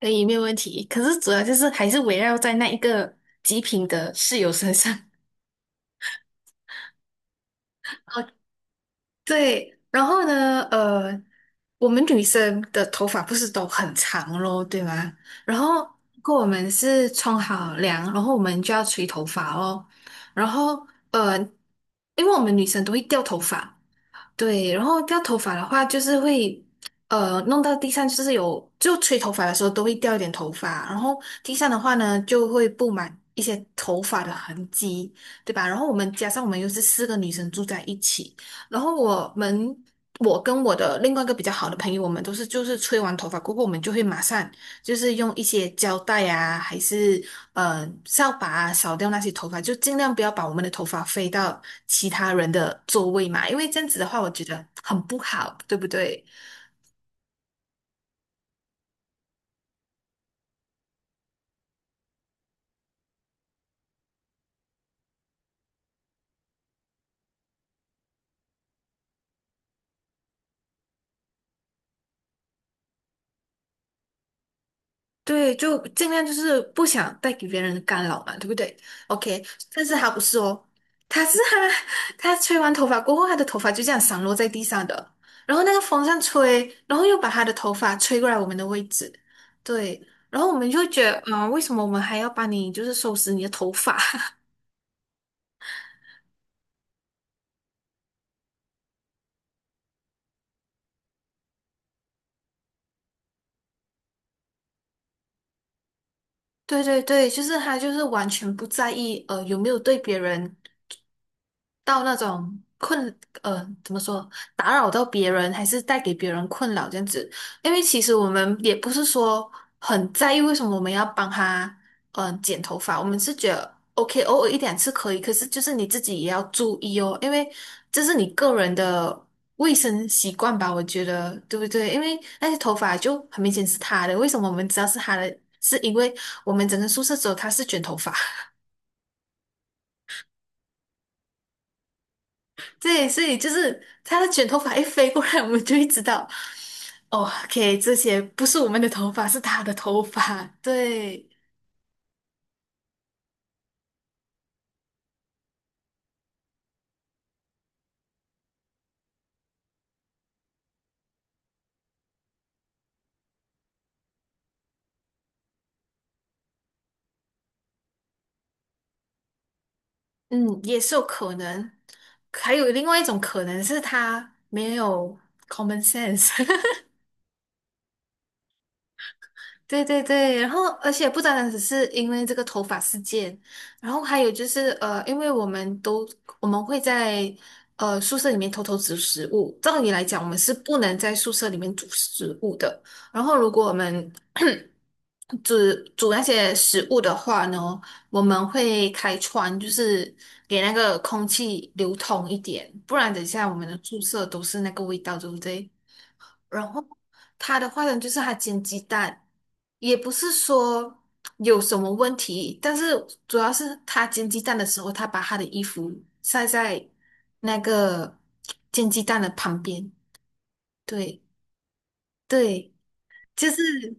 可以，没有问题。可是主要就是还是围绕在那一个极品的室友身上。对，然后呢，我们女生的头发不是都很长咯，对吗？然后如果我们是冲好凉，然后我们就要吹头发哦。然后呃，因为我们女生都会掉头发。对，然后掉头发的话，就是会弄到地上，就是有就吹头发的时候都会掉一点头发，然后地上的话呢就会布满一些头发的痕迹，对吧？然后我们加上我们又是四个女生住在一起，然后我跟我的另外一个比较好的朋友，我们都是就是吹完头发过后，我们就会马上就是用一些胶带啊，还是扫把啊，扫掉那些头发，就尽量不要把我们的头发飞到其他人的座位嘛，因为这样子的话，我觉得很不好，对不对？对，就尽量就是不想带给别人的干扰嘛，对不对？OK。但是他不是哦，他是他 他吹完头发过后，他的头发就这样散落在地上的，然后那个风扇吹，然后又把他的头发吹过来我们的位置。对，然后我们就觉得，嗯，为什么我们还要帮你就是收拾你的头发？对对对，就是他就是完全不在意。有没有对别人到那种困，怎么说，打扰到别人，还是带给别人困扰这样子。因为其实我们也不是说很在意为什么我们要帮他剪头发。我们是觉得 OK，偶尔一两次可以，可是就是你自己也要注意哦，因为这是你个人的卫生习惯吧，我觉得，对不对？因为那些头发就很明显是他的，为什么我们知道是他的？是因为我们整个宿舍只有他是卷头发。对，所以就是他的卷头发一飞过来，我们就会知道，哦，OK，这些不是我们的头发，是他的头发。对。嗯，也是有可能。还有另外一种可能是他没有 common sense。对对对，然后而且不单单只是因为这个头发事件，然后还有就是因为我们会在宿舍里面偷偷煮食物，照理来讲我们是不能在宿舍里面煮食物的。然后如果我们煮煮那些食物的话呢，我们会开窗，就是给那个空气流通一点，不然等一下我们的宿舍都是那个味道，对不对？然后他的话呢，就是他煎鸡蛋，也不是说有什么问题，但是主要是他煎鸡蛋的时候，他把他的衣服晒在那个煎鸡蛋的旁边。对对，就是。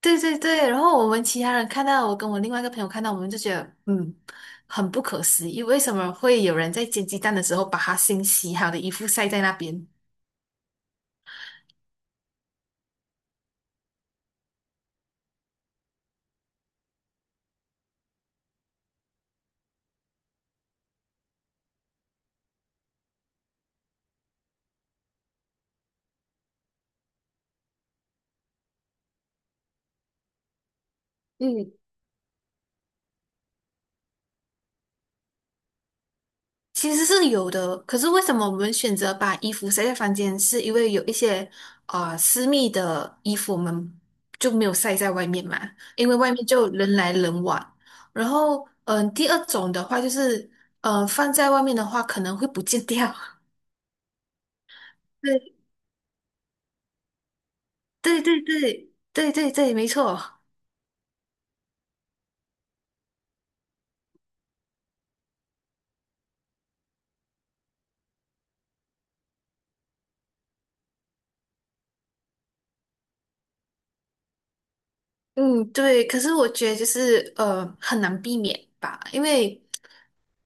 对对对，然后我们其他人看到，我跟我另外一个朋友看到，我们就觉得，嗯，很不可思议，为什么会有人在煎鸡蛋的时候把他新洗好的衣服晒在那边？嗯，其实是有的，可是为什么我们选择把衣服晒在房间？是因为有一些私密的衣服我们就没有晒在外面嘛，因为外面就人来人往。然后，嗯，第二种的话就是，嗯，放在外面的话可能会不见掉。对。对对对对对对，没错。嗯，对。可是我觉得就是很难避免吧，因为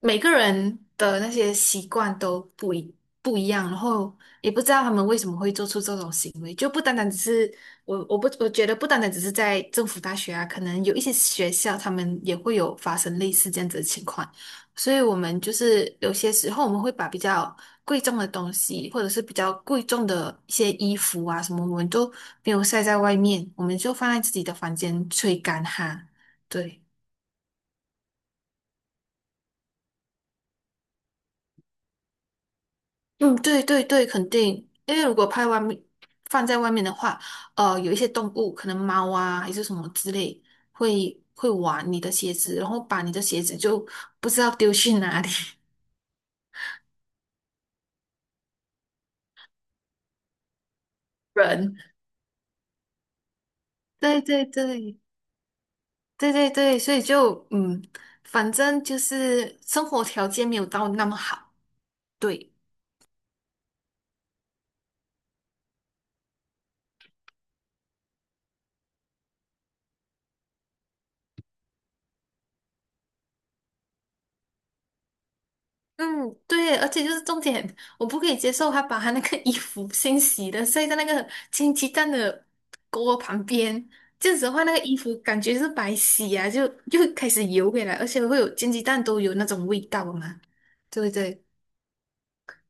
每个人的那些习惯都不一样，然后也不知道他们为什么会做出这种行为，就不单单只是我觉得不单单只是在政府大学啊，可能有一些学校他们也会有发生类似这样子的情况，所以我们就是有些时候我们会把比较贵重的东西，或者是比较贵重的一些衣服啊什么，我们都没有晒在外面，我们就放在自己的房间吹干哈。对。嗯，对对对，肯定，因为如果拍外面放在外面的话，有一些动物，可能猫啊还是什么之类，会玩你的鞋子，然后把你的鞋子就不知道丢去哪里。人，对对对对对对，所以就嗯，反正就是生活条件没有到那么好。对。嗯，对，而且就是重点，我不可以接受他把他那个衣服先洗了，晒在那个煎鸡蛋的锅旁边，这样子的话，那个衣服感觉是白洗啊，就又开始油回来，而且会有煎鸡蛋都有那种味道嘛，对不对？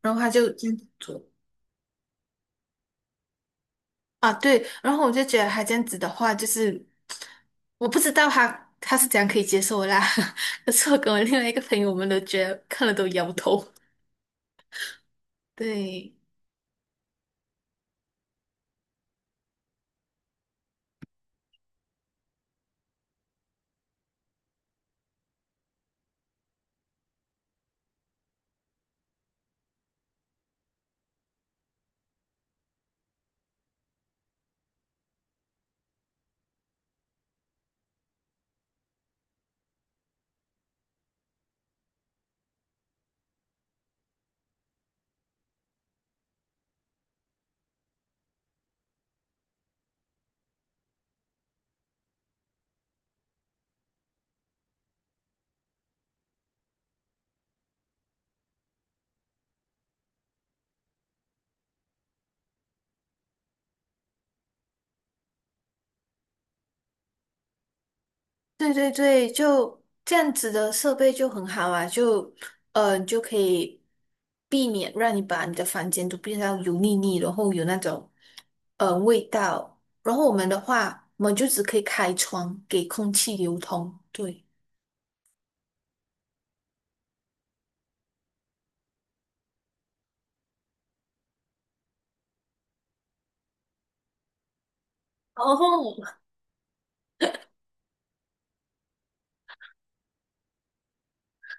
然后他就这样子做啊。对，然后我就觉得他这样子的话，就是我不知道他是怎样可以接受的啦。可是我跟我另外一个朋友，我们都觉得看了都摇头。对。对对对，就这样子的设备就很好啊，就就可以避免让你把你的房间都变到油腻腻，然后有那种味道。然后我们的话，我们就只可以开窗给空气流通。对，然后。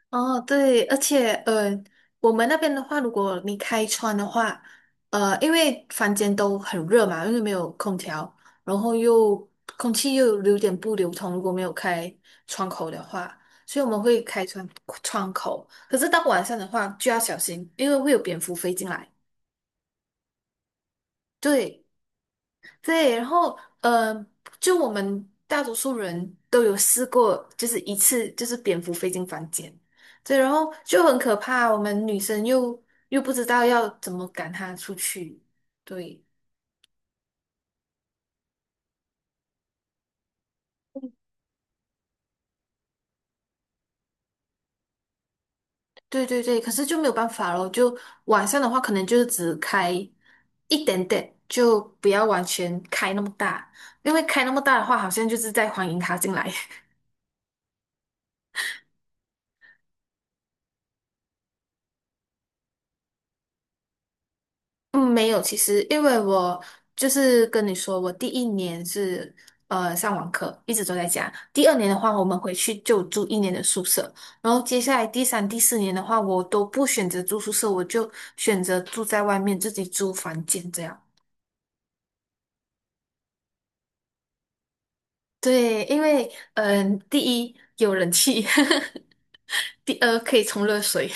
哦，对，而且我们那边的话，如果你开窗的话，因为房间都很热嘛，因为没有空调，然后又空气又有点不流通，如果没有开窗口的话，所以我们会开窗口。可是到晚上的话就要小心，因为会有蝙蝠飞进来。对。对，然后就我们大多数人都有试过，就是一次就是蝙蝠飞进房间。对，然后就很可怕。我们女生又不知道要怎么赶它出去。对。对对对，可是就没有办法咯，就晚上的话，可能就是只开一点点，就不要完全开那么大，因为开那么大的话，好像就是在欢迎它进来。嗯，没有，其实因为我就是跟你说，我第一年是上网课，一直都在家。第二年的话，我们回去就住一年的宿舍，然后接下来第三、第四年的话，我都不选择住宿舍，我就选择住在外面，自己租房间这样。对，因为第一有人气，第二可以冲热水。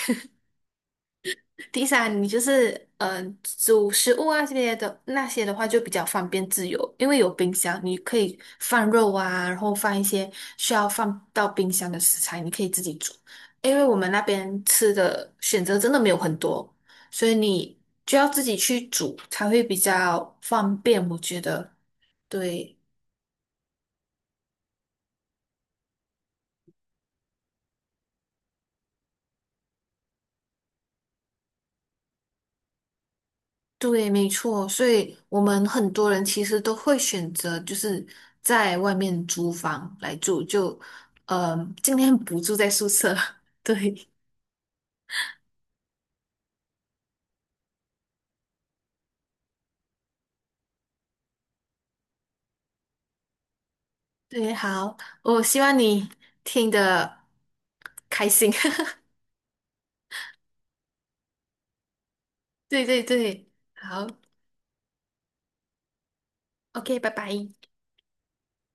第三，你就是煮食物啊这些的那些的话就比较方便自由，因为有冰箱，你可以放肉啊，然后放一些需要放到冰箱的食材，你可以自己煮。因为我们那边吃的选择真的没有很多，所以你就要自己去煮才会比较方便，我觉得。对。对，没错，所以我们很多人其实都会选择就是在外面租房来住，就嗯，尽量不住在宿舍。对对，好，我希望你听得开心。对对对，好，OK，拜拜。